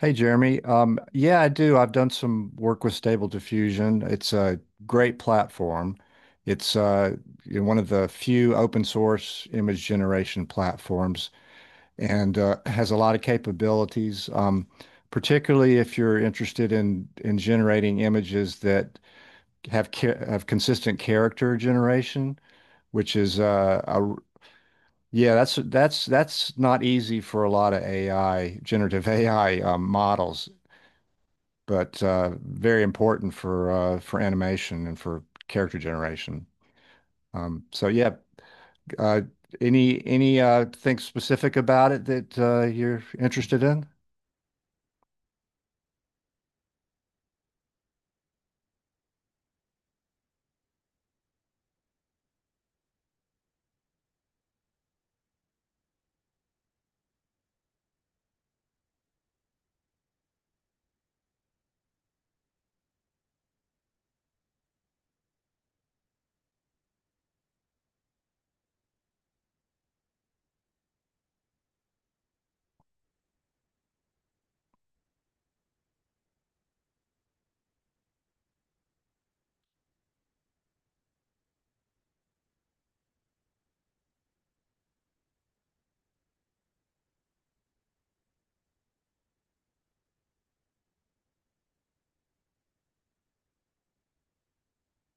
Hey Jeremy. Yeah, I do. I've done some work with Stable Diffusion. It's a great platform. It's one of the few open source image generation platforms and has a lot of capabilities, particularly if you're interested in generating images that have consistent character generation, which is yeah, that's not easy for a lot of AI, generative AI models but very important for animation and for character generation. So yeah, uh, any thing specific about it that you're interested in?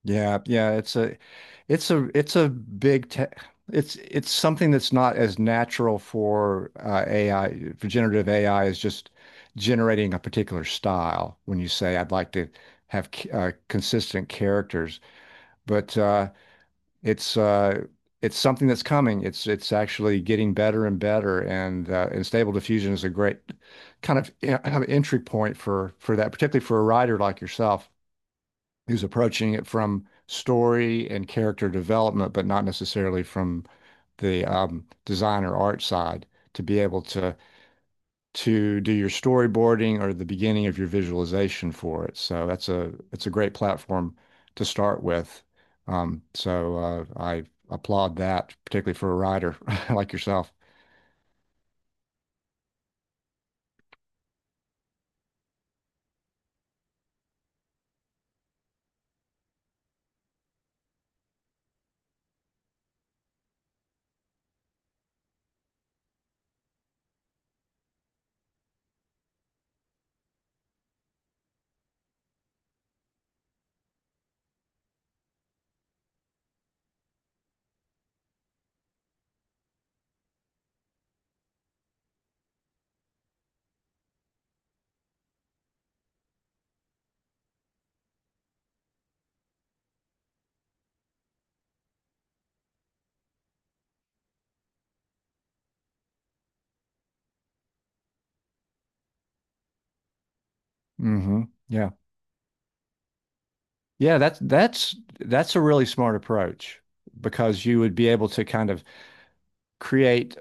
Yeah, yeah, it's a it's a it's a big te it's something that's not as natural for AI, for generative AI, is just generating a particular style. When you say I'd like to have consistent characters. But It's uh, it's something that's coming. It's actually getting better and better, and and Stable Diffusion is a great kind of kind of entry point for that, particularly for a writer like yourself, who's approaching it from story and character development, but not necessarily from the design or art side, to be able to do your storyboarding or the beginning of your visualization for it. So that's a it's a great platform to start with. I applaud that, particularly for a writer like yourself. Hmm Yeah. Yeah, that's a really smart approach, because you would be able to kind of create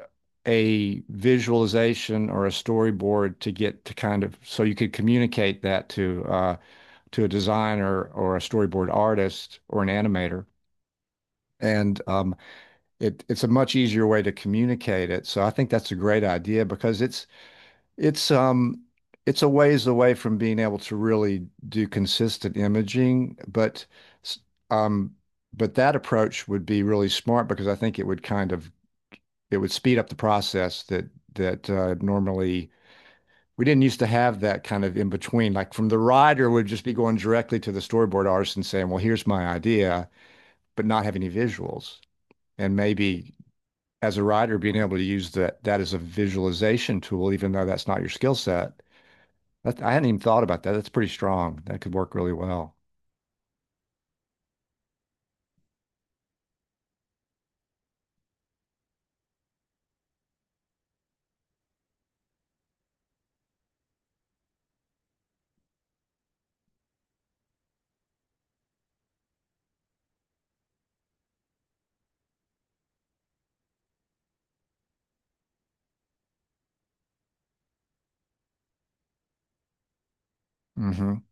a visualization or a storyboard, to get to kind of, so you could communicate that to a designer or a storyboard artist or an animator. And It's a much easier way to communicate it. So I think that's a great idea, because it's um it's a ways away from being able to really do consistent imaging, but s- um but that approach would be really smart because I think it would kind of it would speed up the process that normally we didn't used to have that kind of in between. Like, from the rider would just be going directly to the storyboard artist and saying, "Well, here's my idea," but not have any visuals, and maybe, as a writer, being able to use that as a visualization tool, even though that's not your skill set. That, I hadn't even thought about that. That's pretty strong. That could work really well. Hmm.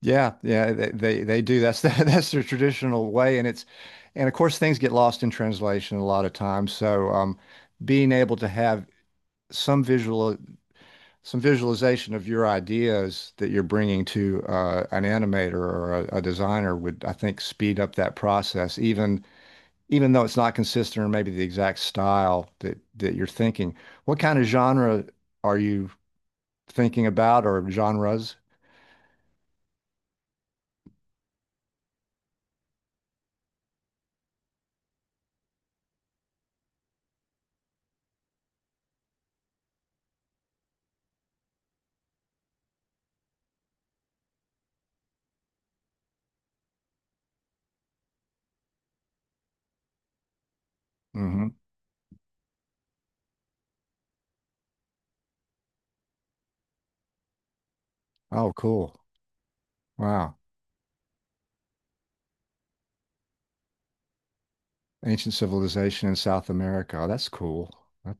Yeah, yeah, they do. That's that's their traditional way, and it's and of course things get lost in translation a lot of times. So being able to have some visual some visualization of your ideas that you're bringing to an animator or a designer would, I think, speed up that process, even even though it's not consistent or maybe the exact style that you're thinking. What kind of genre are you thinking about, or genres? Hmm. Oh, cool. Wow. Ancient civilization in South America. Oh, that's cool. That-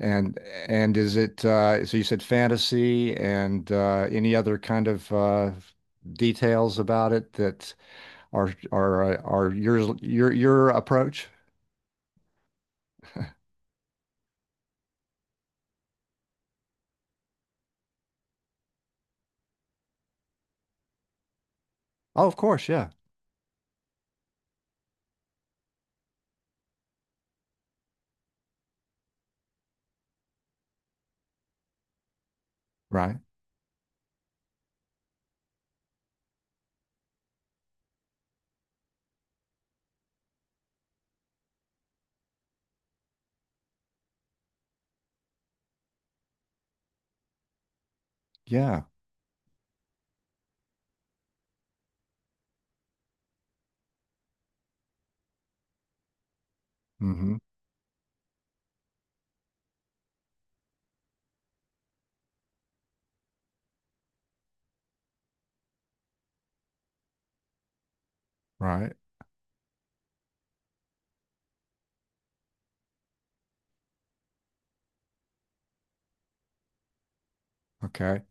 And is it so you said fantasy and any other kind of details about it that are are your your approach? Oh, of course, yeah. Right. Yeah. Hmm. Right. Okay.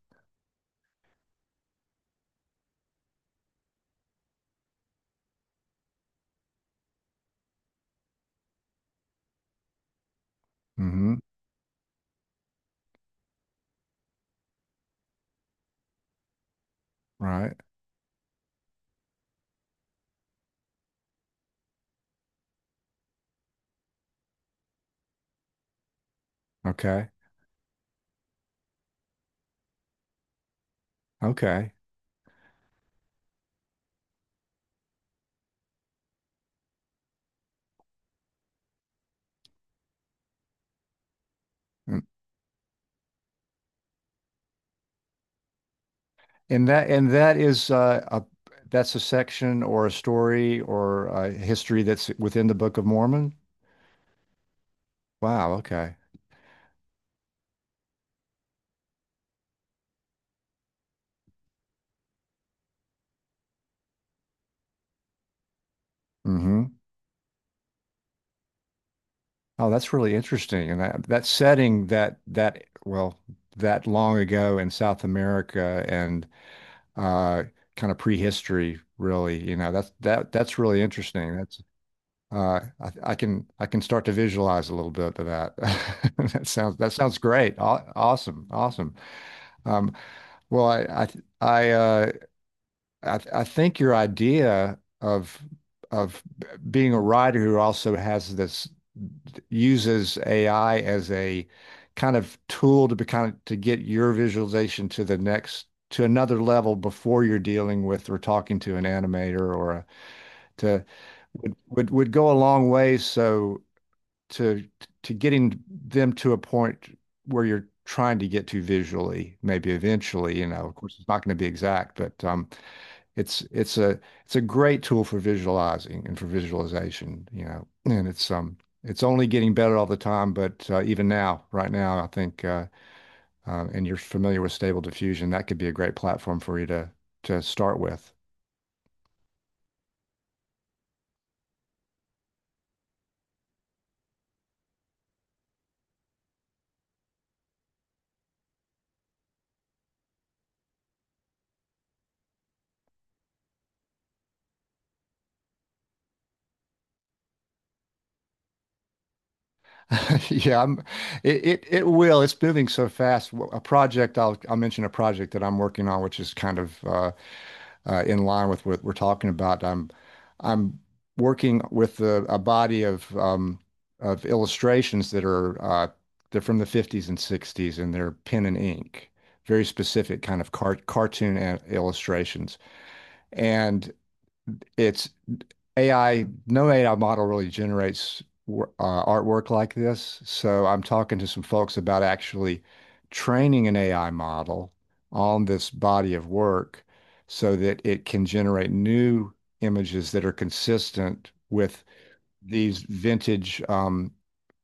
Hmm. Right. Okay. Okay. Mm. And that is a that's a section or a story or a history that's within the Book of Mormon. Wow. Okay. Hmm. Oh, that's really interesting. And that that setting that that long ago in South America and uh, kind of prehistory, really. You know, that's that's really interesting. That's I can start to visualize a little bit of that. That sounds great. Aw Awesome. Awesome. Um, well, I, uh, I think your idea of of being a writer who also has this, uses AI as a kind of tool to be kind of to get your visualization to the next, to another level, before you're dealing with or talking to an animator or a, to would go a long way. So to to getting them to a point where you're trying to get to visually, maybe eventually. You know, of course, it's not going to be exact, but it's it's a it's a great tool for visualizing and for visualization, you know. And it's only getting better all the time, but even now, right now, I think and you're familiar with stable diffusion, that could be a great platform for you to start with. Yeah, I'm, it will. It's moving so fast. W- A project I'll mention a project that I'm working on, which is kind of in line with what we're talking about. I'm working with a body of illustrations that are they're from the 50s and 60s, and they're pen and ink, very specific kind of cartoon illustrations. And It's AI, no AI model really generates artwork like this. So I'm talking to some folks about actually training an AI model on this body of work so that it can generate new images that are consistent with these vintage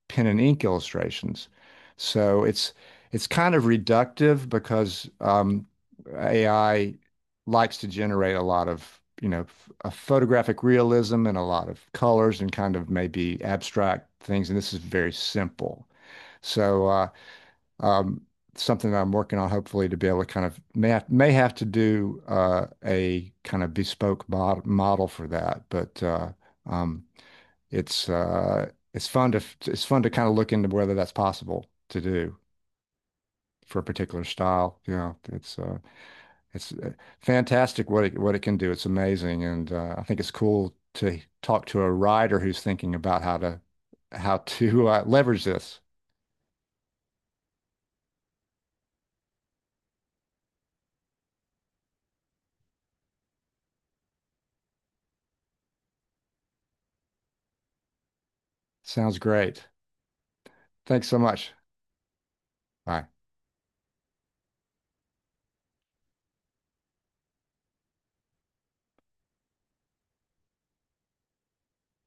pen and ink illustrations. So it's kind of reductive because AI likes to generate a lot of, you know, a photographic realism and a lot of colors and kind of maybe abstract things. And this is very simple. So um, something that I'm working on, hopefully, to be able to kind of may have to do a kind of bespoke model for that, but um, it's fun to kind of look into whether that's possible to do for a particular style. You know, it's fantastic what it can do. It's amazing, and I think it's cool to talk to a writer who's thinking about how to leverage this. Sounds great. Thanks so much. Bye.